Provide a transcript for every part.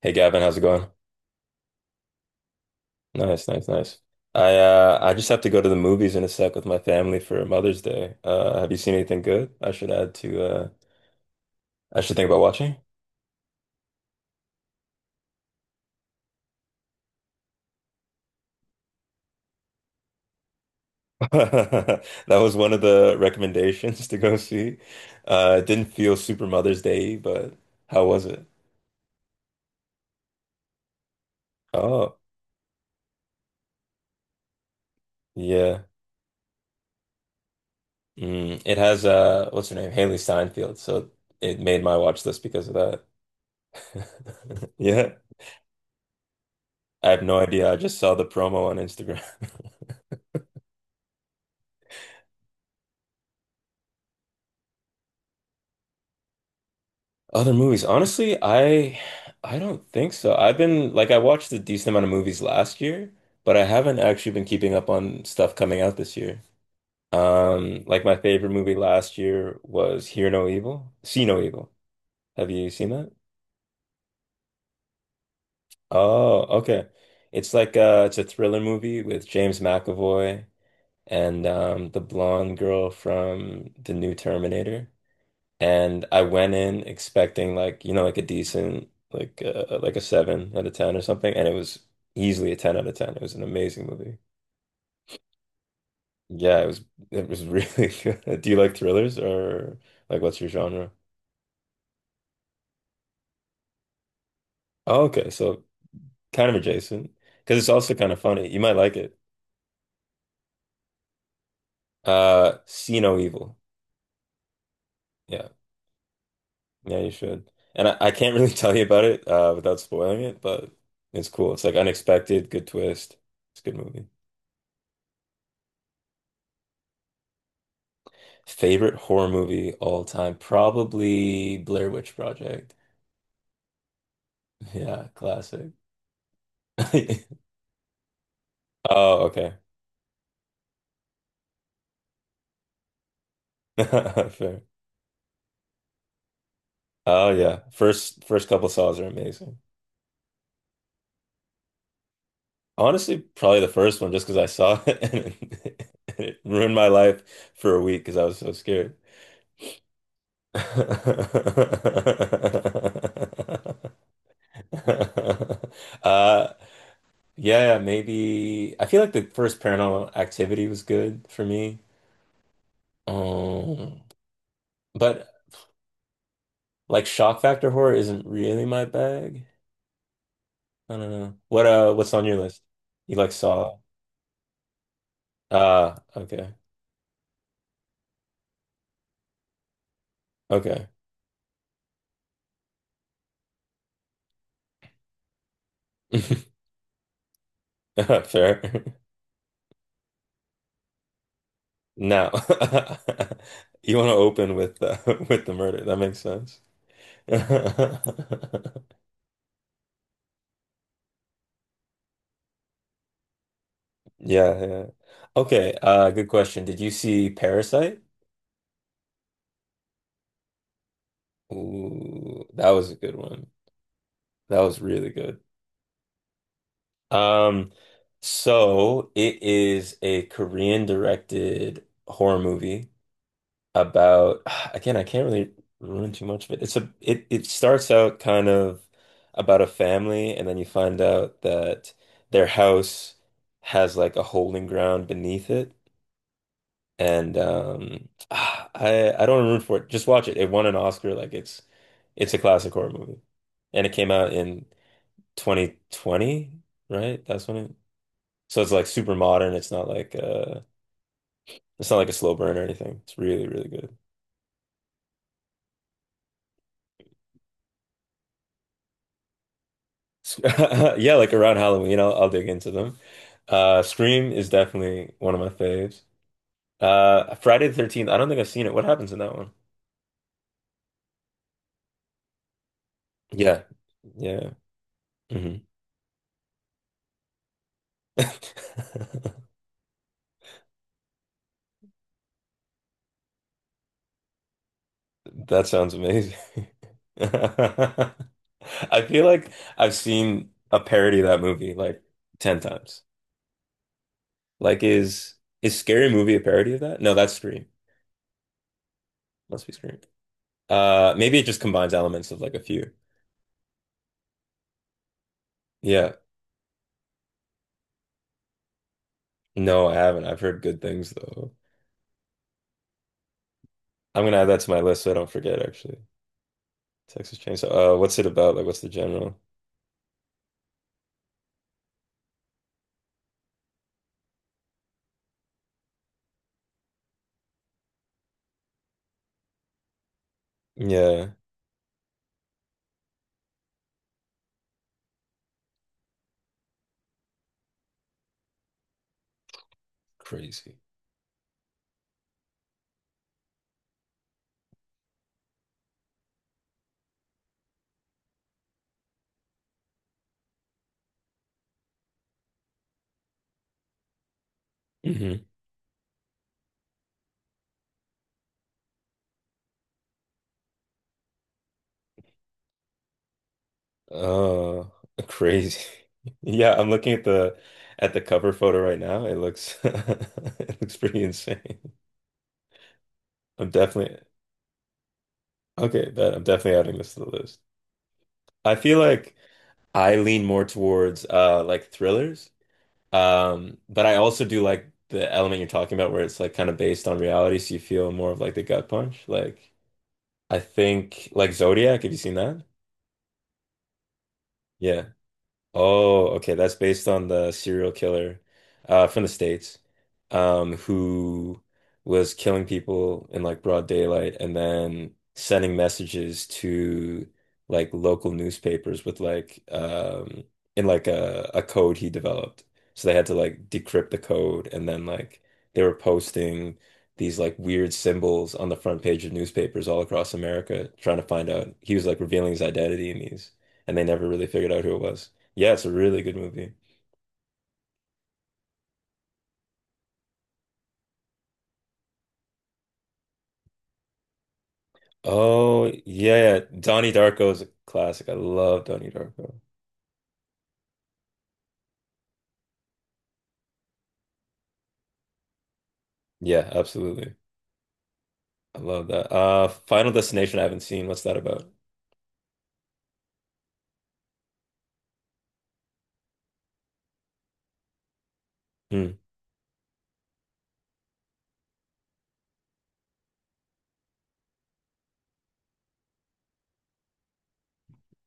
Hey Gavin, how's it going? Nice, nice, nice. I just have to go to the movies in a sec with my family for Mother's Day. Have you seen anything good I should add to I should think about watching? That was one of the recommendations to go see. It didn't feel super Mother's Day, but how was it? Oh, yeah. Mm, it has what's her name? Haley Steinfeld. So it made my watch list because of that. Yeah. I have no idea. I just saw the promo on Instagram. Other movies, honestly, I don't think so. I've been like I watched a decent amount of movies last year, but I haven't actually been keeping up on stuff coming out this year. Like my favorite movie last year was Hear No Evil, See No Evil. Have you seen that? Oh, okay. It's like it's a thriller movie with James McAvoy and the blonde girl from the new Terminator. And I went in expecting like, you know, like a decent like a 7 out of 10 or something, and it was easily a 10 out of 10. It was an amazing movie. Yeah, it was really good. Do you like thrillers or like what's your genre? Oh, okay, so kind of adjacent because it's also kind of funny. You might like it. See No Evil. Yeah, yeah, you should. And I can't really tell you about it without spoiling it, but it's cool. It's like unexpected, good twist. It's a good movie. Favorite horror movie all time? Probably Blair Witch Project. Yeah, classic. Oh, okay. Fair. Oh yeah. First couple saws are amazing. Honestly, probably the first one just because I saw it and it, it ruined my life for a week because I was so scared. Uh yeah, yeah, maybe I feel like the first Paranormal Activity was good for me. Um But like shock factor horror isn't really my bag. I don't know. What what's on your list? You like Saw? Ah, okay. Okay. Fair. No. You want to open with with the murder. That makes sense. Yeah, yeah. Okay, good question. Did you see Parasite? Ooh, that was a good one. That was really good. Um, so it is a Korean directed horror movie about again, I can't really ruin too much of it. It's a it it starts out kind of about a family and then you find out that their house has like a holding ground beneath it. And I don't ruin for it. Just watch it. It won an Oscar. Like it's a classic horror movie. And it came out in 2020, right? That's when it so it's like super modern. It's not like a slow burn or anything. It's really, really good. Yeah, like around Halloween, I'll dig into them. Scream is definitely one of my faves. Friday the 13th, I don't think I've seen it. What happens in that one? Yeah, yeah. Hmm. That sounds amazing. I feel like I've seen a parody of that movie like 10 times. Like is Scary Movie a parody of that? No, that's Scream. Must be Scream. Maybe it just combines elements of like a few. Yeah. No, I haven't. I've heard good things though. I'm gonna add that to my list so I don't forget actually. Texas Chainsaw. What's it about? Like, what's the general? Yeah. Crazy. Hmm. Uh, crazy. Yeah, I'm looking at the cover photo right now. It looks it looks pretty insane. I'm definitely okay, bet I'm definitely adding this to the list. I feel like I lean more towards like thrillers. But I also do like the element you're talking about where it's like kind of based on reality, so you feel more of like the gut punch. Like I think like Zodiac, have you seen that? Yeah. Oh, okay. That's based on the serial killer from the States who was killing people in like broad daylight and then sending messages to like local newspapers with like in like a code he developed. So they had to like decrypt the code and then like they were posting these like weird symbols on the front page of newspapers all across America trying to find out. He was like revealing his identity in these and they never really figured out who it was. Yeah, it's a really good movie. Oh, yeah. Donnie Darko is a classic. I love Donnie Darko. Yeah, absolutely. I love that. Final Destination, I haven't seen. What's that about? Hmm.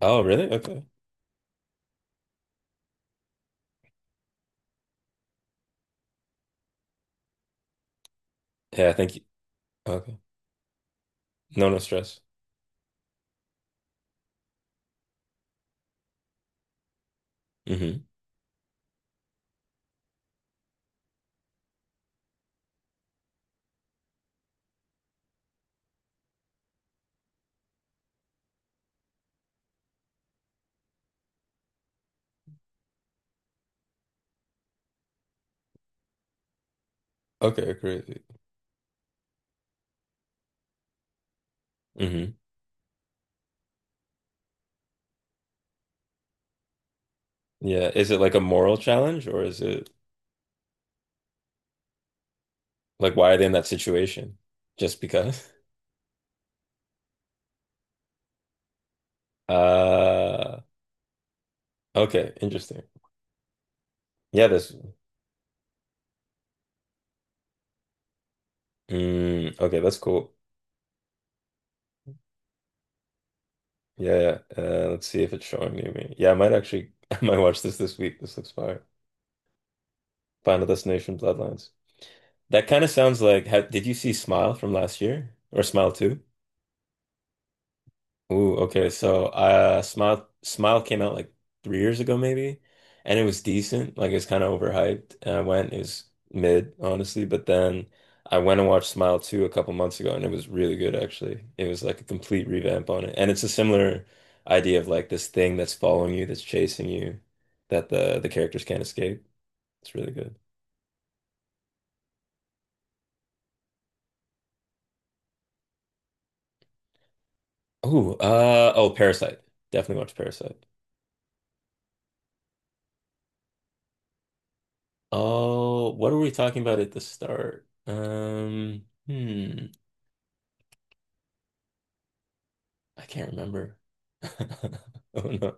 Oh, really? Okay. Yeah, thank you. Okay. No, no stress. Hmm. Okay, crazy. Hmm. Yeah. Is it like a moral challenge or is it like why are they in that situation? Just because? Uh, okay, interesting. Yeah, that's mm, okay, that's cool. Yeah, yeah. Let's see if it's showing near me. Yeah, I might actually, I might watch this this week. This looks fire. Final Destination Bloodlines. That kind of sounds like, how, did you see Smile from last year or Smile 2? Ooh, okay. So, Smile came out like 3 years ago, maybe, and it was decent. Like it was kind of overhyped, and I went. It was mid, honestly. But then I went and watched Smile 2 a couple months ago, and it was really good, actually. It was like a complete revamp on it, and it's a similar idea of like this thing that's following you, that's chasing you, that the characters can't escape. It's really good. Ooh, Parasite. Definitely watch Parasite. Oh, what were we talking about at the start? Hmm. I can't remember. Oh no.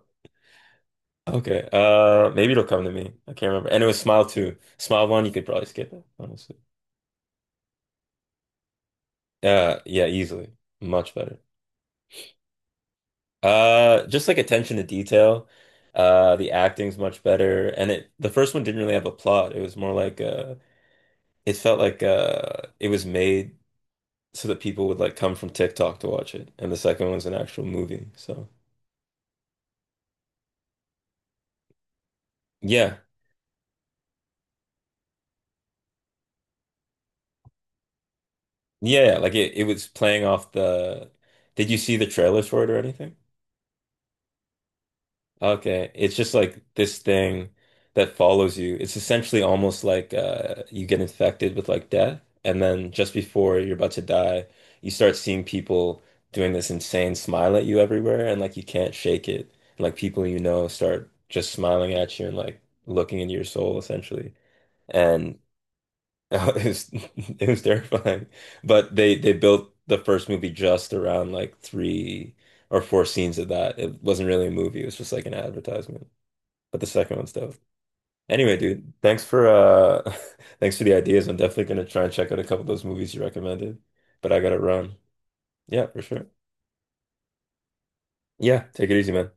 Okay. Maybe it'll come to me. I can't remember. And it was Smile 2. Smile 1, you could probably skip it, honestly. Yeah, easily. Much better. Just like attention to detail. The acting's much better. And it the first one didn't really have a plot. It was more like it felt like it was made so that people would like come from TikTok to watch it. And the second one's an actual movie. So yeah. Yeah, yeah, like it was playing off the Did you see the trailers for it or anything? Okay, it's just like this thing that follows you. It's essentially almost like you get infected with like death, and then just before you're about to die, you start seeing people doing this insane smile at you everywhere, and like you can't shake it. And, like people you know start just smiling at you and like looking into your soul essentially. And it was it was terrifying. But they built the first movie just around like 3 or 4 scenes of that. It wasn't really a movie, it was just like an advertisement. But the second one's dope. Anyway, dude, thanks for thanks for the ideas. I'm definitely gonna try and check out a couple of those movies you recommended. But I gotta run. Yeah, for sure. Yeah, take it easy, man.